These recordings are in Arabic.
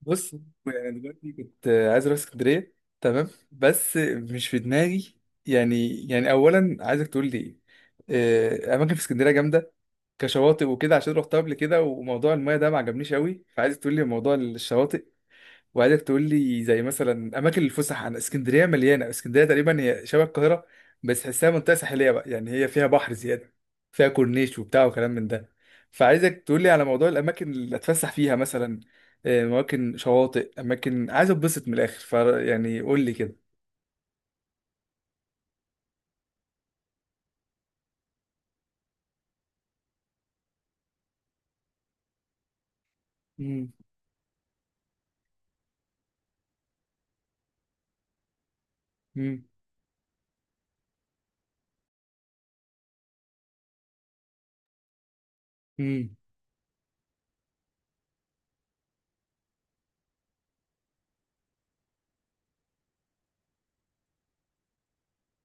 بص، يعني انا دلوقتي كنت عايز اروح اسكندريه، تمام، بس مش في دماغي. يعني اولا عايزك تقول لي إيه؟ اماكن في اسكندريه جامده، كشواطئ وكده، عشان رحتها قبل كده وموضوع المايه ده ما عجبنيش قوي، فعايزك تقول لي موضوع الشواطئ. وعايزك تقول لي زي مثلا اماكن الفسح، عن اسكندريه مليانه، اسكندريه تقريبا هي شبه القاهره، بس تحسها منطقه ساحليه بقى، يعني هي فيها بحر زياده، فيها كورنيش وبتاع وكلام من ده. فعايزك تقول لي على موضوع الاماكن اللي اتفسح فيها مثلا، اماكن شواطئ، اماكن عايز اتبسط من الاخر، يعني قول لي كده. مم. مم. مم.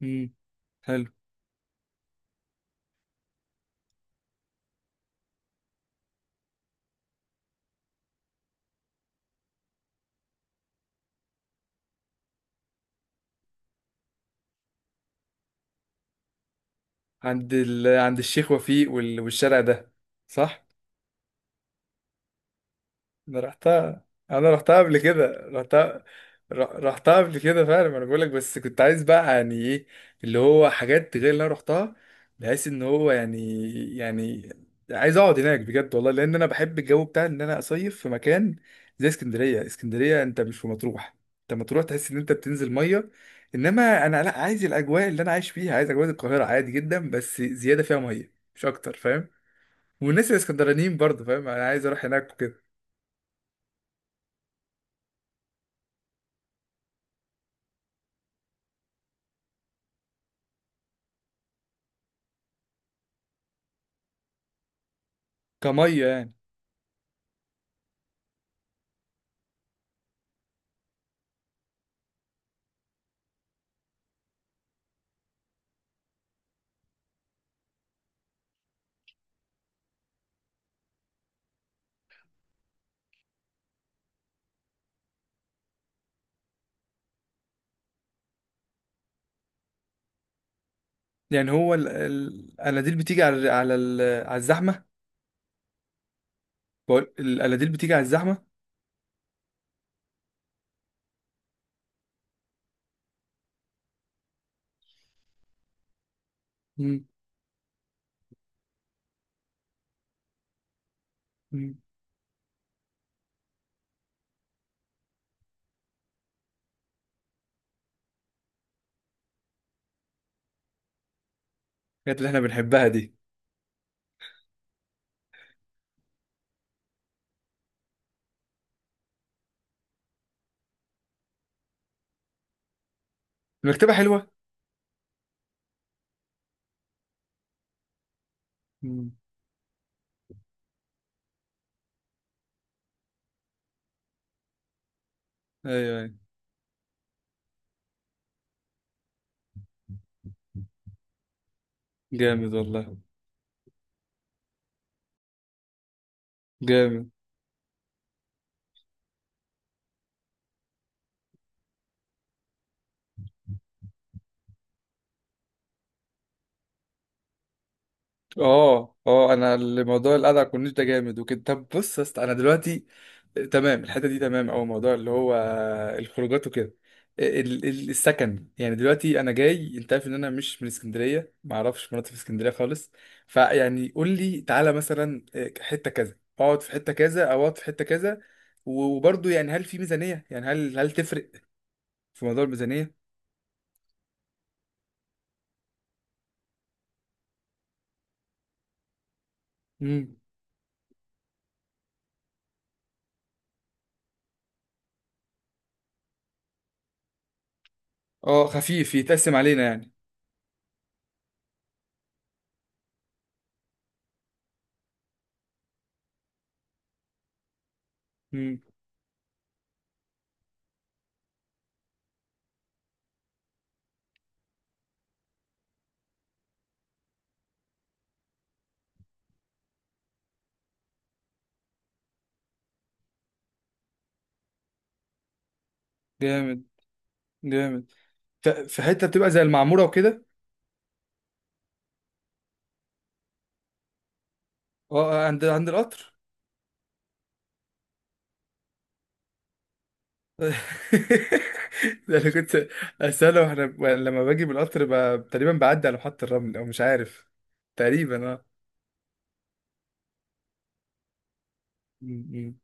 مم. حلو. عند الشيخ وفيق والشارع ده. صح. انا رحتها، انا رحتها قبل كده، رحتها، رحتها قبل كده فعلا، انا بقول لك، بس كنت عايز بقى يعني ايه، اللي هو حاجات غير اللي انا رحتها، بحيث ان هو يعني، يعني عايز اقعد هناك بجد والله، لان انا بحب الجو بتاع ان انا اصيف في مكان زي اسكندريه. اسكندريه انت مش في مطروح، انت مطروح تحس ان انت بتنزل ميه، انما انا لا، عايز الاجواء اللي انا عايش فيها، عايز اجواء القاهره عادي جدا، بس زياده فيها ميه مش اكتر، فاهم؟ والناس الاسكندرانيين برضه، فاهم؟ انا عايز اروح هناك وكده. كميه يعني. يعني هو الاناديل بتيجي على على الزحمه. بقول الاناديل بتيجي على الزحمه. مم. مم. الحاجات اللي احنا بنحبها دي. المكتبه حلوه. مم. ايوه، ايوه. جامد والله، جامد. اه، اه، انا الموضوع الكورنيش ده جامد وكده. طب بص يا اسطى، انا دلوقتي تمام، الحته دي تمام، او موضوع اللي هو الخروجات وكده، السكن، يعني دلوقتي انا جاي، انت عارف ان انا مش من اسكندريه، ما اعرفش مناطق في اسكندريه خالص. فيعني قول لي تعالى مثلا حته كذا، اقعد في حته كذا او اقعد في حته كذا. وبرضه يعني، هل في ميزانيه؟ يعني، هل تفرق في موضوع الميزانيه؟ امم اه، خفيف يتقسم علينا يعني. امم جامد، جامد. في حته بتبقى زي المعموره وكده. اه، عند القطر. ده انا كنت اساله، واحنا لما باجي بالقطر تقريبا بعدي على محطه الرمل او مش عارف، تقريبا اه. م- م.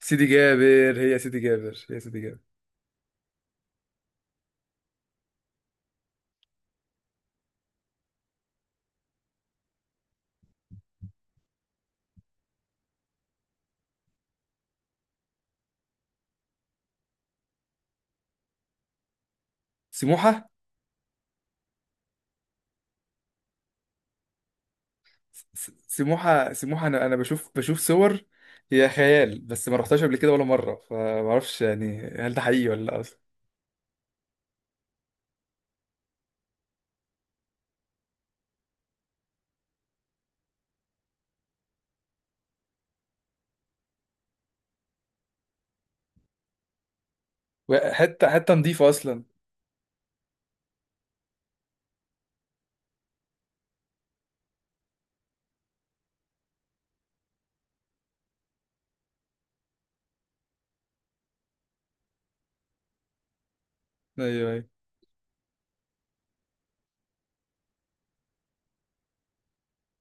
سيدي جابر، هي سيدي جابر، هي سيدي جابر؟ سموحه. سموحه، سموحه، انا بشوف صور. هي خيال، بس ما رحتهاش قبل كده ولا مره، فما اعرفش يعني، هل ده حقيقي ولا لا اصلا؟ حته، حته نظيفه اصلا؟ ايوه، ايوه.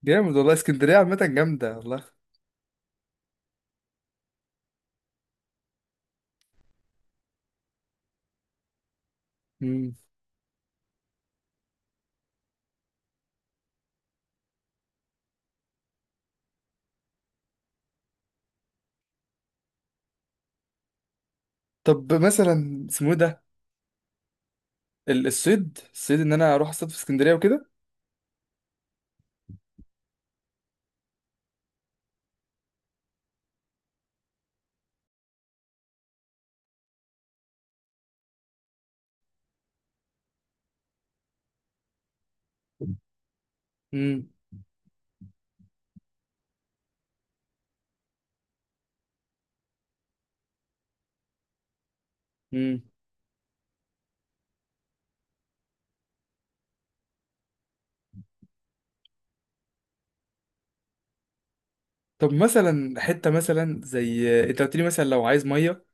جامد والله، اسكندريه عامه جامده. والله. طب مثلا اسمه إيه ده؟ الصيد، الصيد ان انا اروح اصطاد في اسكندريه وكده؟ امم امم طب مثلا حته مثلا، زي انت قلت لي مثلا لو عايز ميه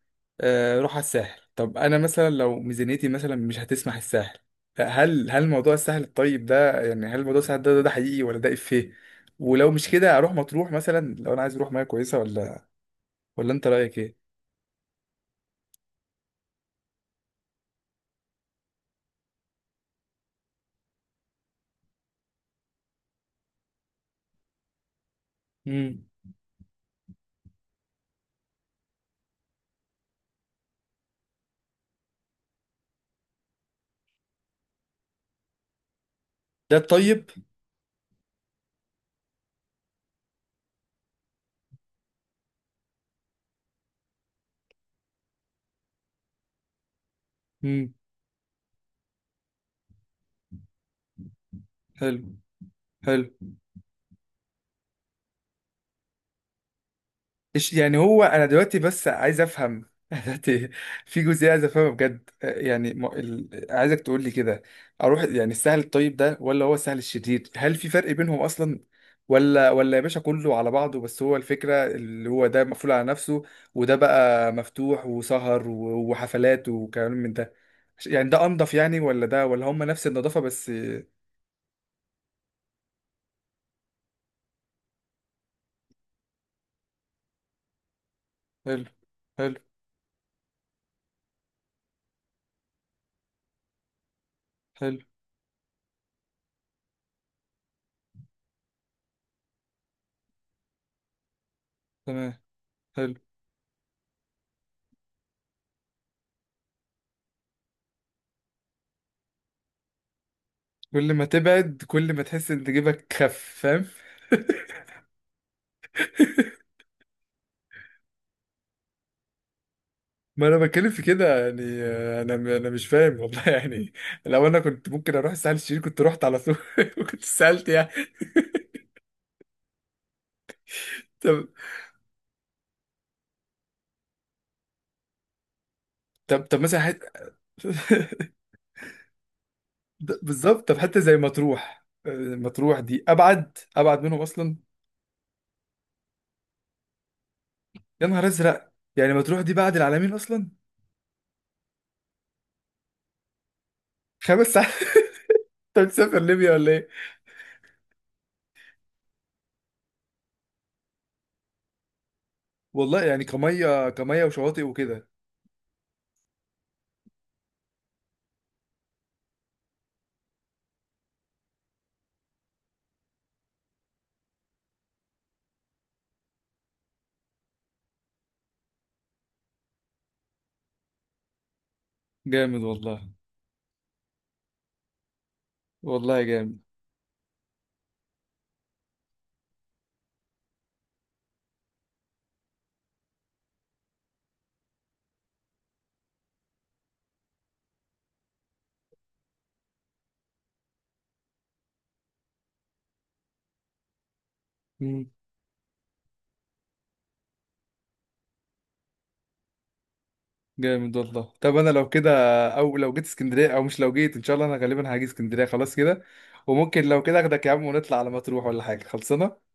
روح على الساحل. طب انا مثلا لو ميزانيتي مثلا مش هتسمح الساحل، هل موضوع الساحل الطيب ده، يعني هل موضوع الساحل ده ده حقيقي ولا ده افيه؟ ولو مش كده اروح مطروح مثلا لو انا عايز اروح ميه كويسه، ولا انت رايك ايه؟ امم ده الطيب. امم حلو، حلو. إيش يعني؟ هو انا دلوقتي بس عايز افهم دلوقتي، في جزئيه عايز افهمها بجد، يعني عايزك تقول لي كده، اروح يعني السهل الطيب ده ولا هو السهل الشديد؟ هل في فرق بينهم اصلا، ولا يا باشا كله على بعضه؟ بس هو الفكره اللي هو ده مقفول على نفسه، وده بقى مفتوح وسهر وحفلات وكلام من ده. يعني ده انضف يعني، ولا ده؟ ولا هم نفس النظافه بس؟ حلو، حلو، حلو، تمام، حلو. كل ما تبعد كل ما تحس ان جيبك خف، فاهم؟ ما انا بتكلم في كده يعني، انا مش فاهم والله يعني. لو انا كنت ممكن اروح الساحل الشرير كنت رحت على طول، وكنت سالت يعني. طب، طب، طب مثلا بالظبط، طب حتى زي مطروح، مطروح دي ابعد، ابعد منهم اصلا؟ يا نهار ازرق، يعني مطروح دي بعد العالمين اصلا؟ 5 ساعات؟ انت مسافر ليبيا ولا ايه؟ والله يعني كميه، كميه، وشواطئ وكده. جامد والله. والله جامد. جامد والله. طب انا لو كده، او لو جيت اسكندريه، او مش لو جيت، ان شاء الله انا غالبا هاجي اسكندريه خلاص كده، وممكن لو كده اخدك يا عم ونطلع على مطروح ولا حاجه. خلصنا؟